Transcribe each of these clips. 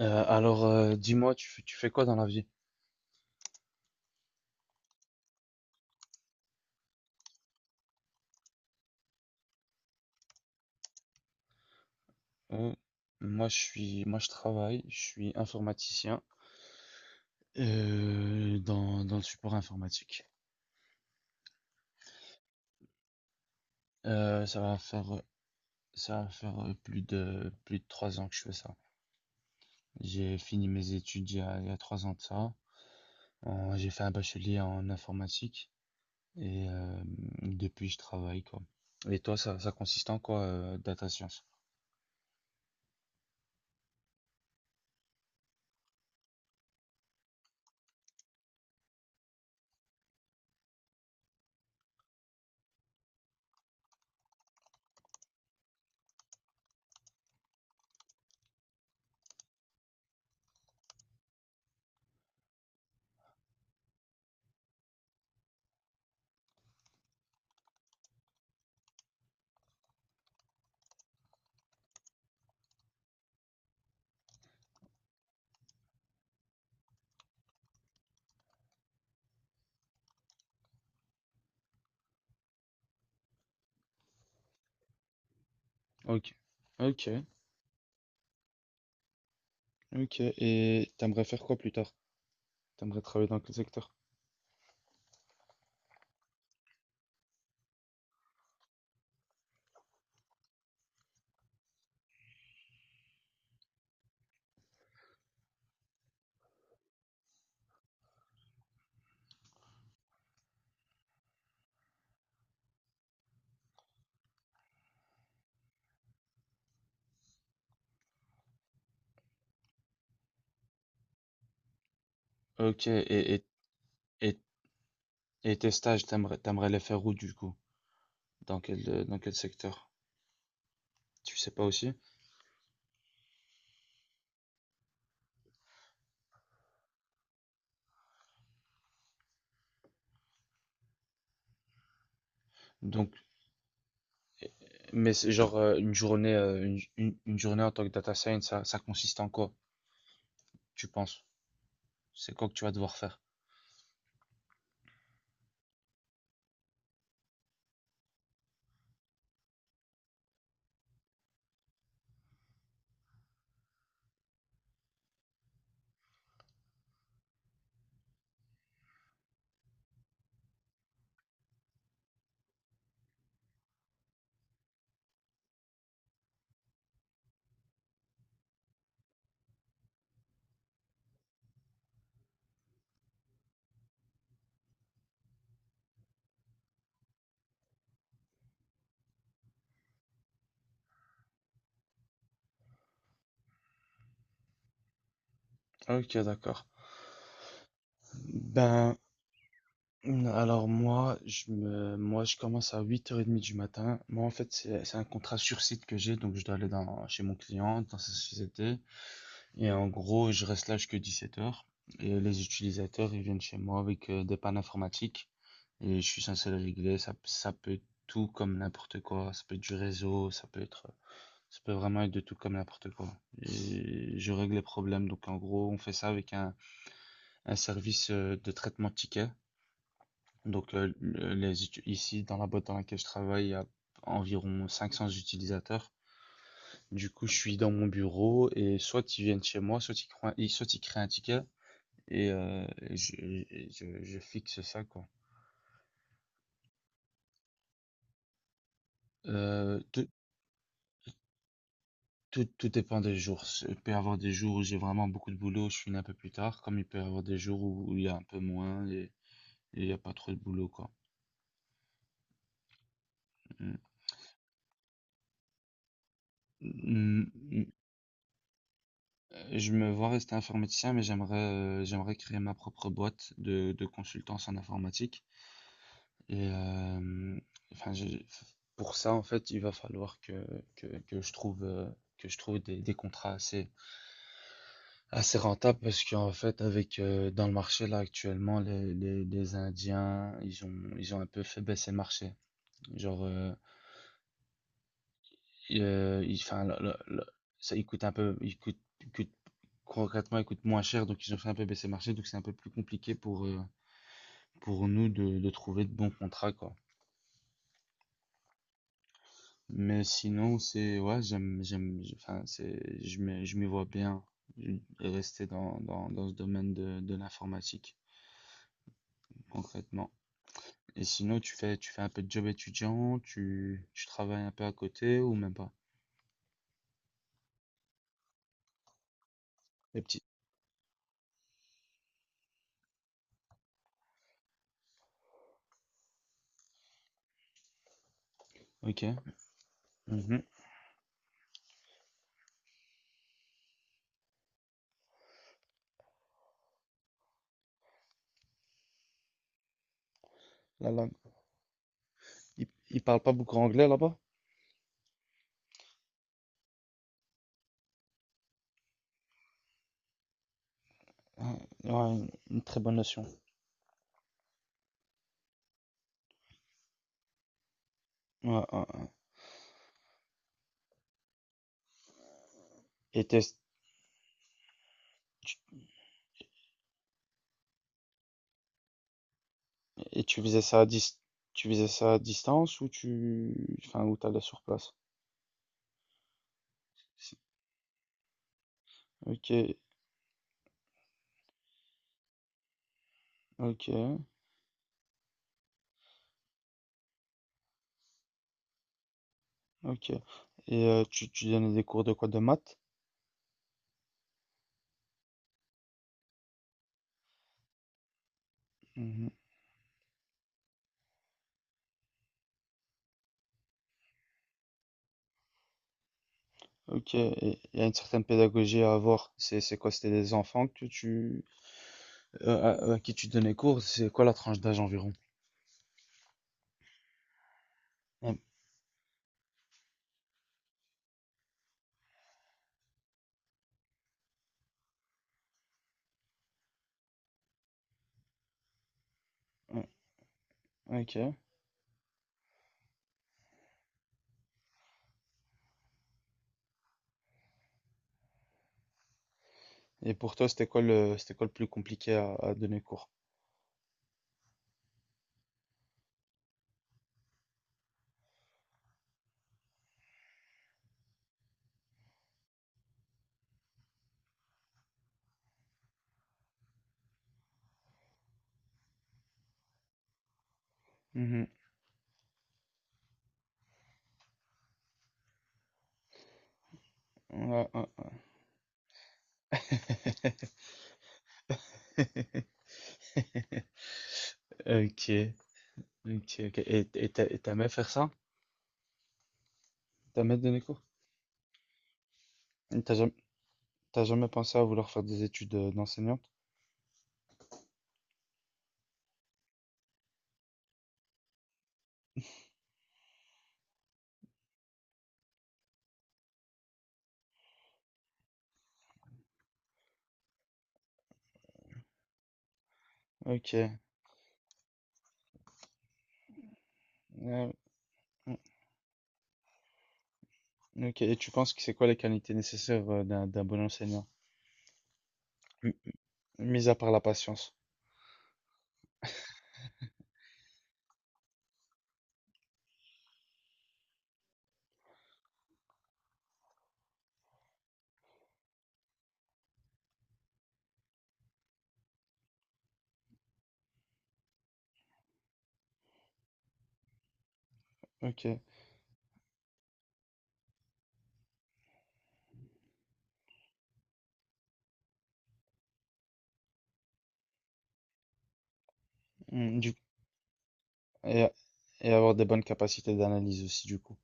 Alors, dis-moi, tu fais quoi dans la vie? Euh, Moi, je travaille, je suis informaticien dans le support informatique. Euh, ça va faire, Ça va faire plus de 3 ans que je fais ça. J'ai fini mes études il y a 3 ans de ça. J'ai fait un bachelier en informatique et depuis, je travaille quoi. Et toi, ça consiste en quoi, data science? Ok, ok, ok. Et t'aimerais faire quoi plus tard? T'aimerais travailler dans quel secteur? Ok, et, et tes stages, t'aimerais les faire où du coup? Dans quel secteur? Tu sais pas aussi? Donc, mais c'est genre une journée, une journée en tant que data science, ça consiste en quoi, tu penses? C'est quoi que tu vas devoir faire? Ok, d'accord. Ben, alors moi, je commence à 8h30 du matin. Moi, en fait, c'est un contrat sur site que j'ai, donc je dois aller chez mon client, dans sa société. Et en gros, je reste là jusqu'à 17h. Et les utilisateurs, ils viennent chez moi avec des pannes informatiques. Et je suis censé le régler. Ça peut être tout comme n'importe quoi. Ça peut être du réseau, ça peut vraiment être de tout comme n'importe quoi. Et je règle les problèmes. Donc en gros, on fait ça avec un service de traitement de tickets. Donc euh, les, Ici, dans la boîte dans laquelle je travaille, il y a environ 500 utilisateurs. Du coup, je suis dans mon bureau et soit ils viennent chez moi, soit ils créent un ticket, et je fixe ça, quoi. Euh, tout, Tout dépend des jours. Il peut y avoir des jours où j'ai vraiment beaucoup de boulot, je finis un peu plus tard, comme il peut y avoir des jours où il y a un peu moins et il n'y a pas trop de boulot, quoi. Mm. Mm, mm. Je me vois rester informaticien, mais j'aimerais créer ma propre boîte de consultance en informatique. Et euh, enfin, pour ça, en fait, il va falloir que que je trouve des contrats assez rentable parce qu'en fait, avec dans le marché là actuellement, les Indiens, ils ont un peu fait baisser le marché. Genre, ils, euh, ils- 'fin, le- le- le- il coûte un peu, il coûte concrètement, il coûte moins cher, donc ils ont fait un peu baisser le marché, donc c'est un peu plus compliqué pour nous de trouver de bons contrats, quoi. Mais sinon, ouais, j'aime, enfin, je m'y vois bien rester dans ce domaine de l'informatique, concrètement. Et sinon, tu fais un peu de job étudiant, tu travailles un peu à côté ou même pas? Les petits. Ok. Mhm. La langue. Ils parlent pas beaucoup anglais là-bas? Ah, ouais, une très bonne notion. Ouais, ouais, ouais. Et, tu, et tu faisais ça à distance ou enfin, ou t'allais sur place? C'est- Ok, ok, ok. Et tu donnais des cours de quoi? De maths? Mhm. Ok, et il y a une certaine pédagogie à avoir. C'est quoi? C'était des enfants à qui tu donnais cours, c'est quoi la tranche d'âge environ? Ah, ah, ok. Et pour toi, c'était quoi le plus compliqué à donner cours? Mhm. Ouais, ouais, ouais. Ok, ok, ok. Et t'aimais faire ça? T'as aimé donner cours? Et t'as jamais pensé à vouloir faire des études d'enseignante? Ok. Ouais, mm, ok. Et tu penses que c'est quoi les qualités nécessaires d'un bon enseignant? M- Mis à part la patience. Ok. Mm. Et, et avoir des bonnes capacités d'analyse aussi, du coup.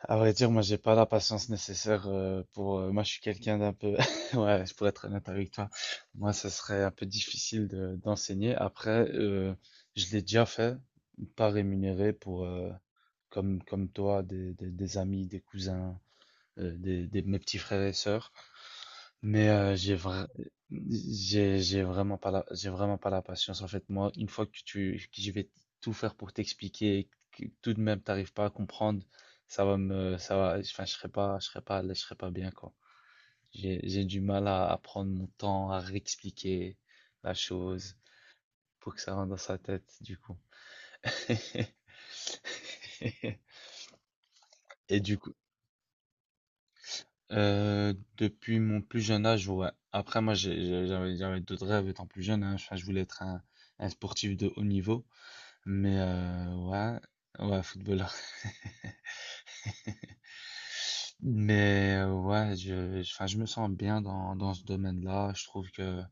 À vrai dire, moi, j'ai pas la patience nécessaire pour. Moi, je suis quelqu'un d'un peu. Ouais, je pourrais être honnête avec toi. Moi, ça serait un peu difficile d'enseigner. Après, je l'ai déjà fait, pas rémunéré pour, comme toi, des amis, des cousins, des mes petits frères et sœurs. Mais j'ai vra- j'ai vraiment pas la j'ai vraiment pas la patience en fait. Moi, une fois que je vais tout faire pour t'expliquer et que tout de même t'arrives pas à comprendre, ça va me ça va enfin je serai pas à l'aise, je serai pas bien quoi. J'ai du mal à prendre mon temps à réexpliquer la chose pour que ça rentre dans sa tête du coup. et du Depuis mon plus jeune âge, ouais. Après, moi, j'avais d'autres rêves étant plus jeune, hein. Enfin, je voulais être un sportif de haut niveau. Mais ouais, ouais, footballeur. Mais ouais, enfin, je me sens bien dans ce domaine-là. Je trouve que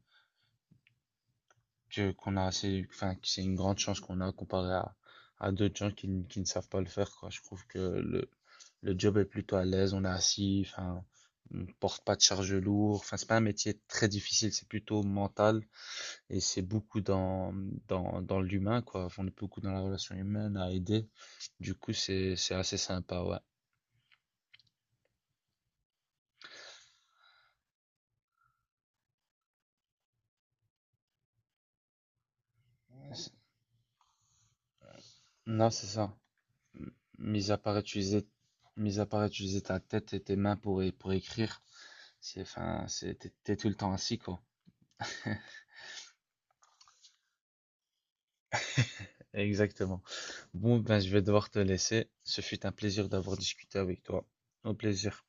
que- qu'on a assez, enfin, que c'est une grande chance qu'on a comparé à d'autres gens qui ne savent pas le faire, quoi. Je trouve que le job est plutôt à l'aise, on est assis, enfin, on porte pas de charge lourde. Enfin, c'est pas un métier très difficile, c'est plutôt mental et c'est beaucoup dans l'humain, quoi. Enfin, on est beaucoup dans la relation humaine à aider. Du coup, c'est assez sympa, ouais. Non, c'est ça. Mis à part utiliser, Mis à part utiliser ta tête et tes mains pour écrire. C'est, enfin, t'es tout le temps ainsi, quoi. Exactement. Bon, ben, je vais devoir te laisser. Ce fut un plaisir d'avoir discuté avec toi. Au plaisir.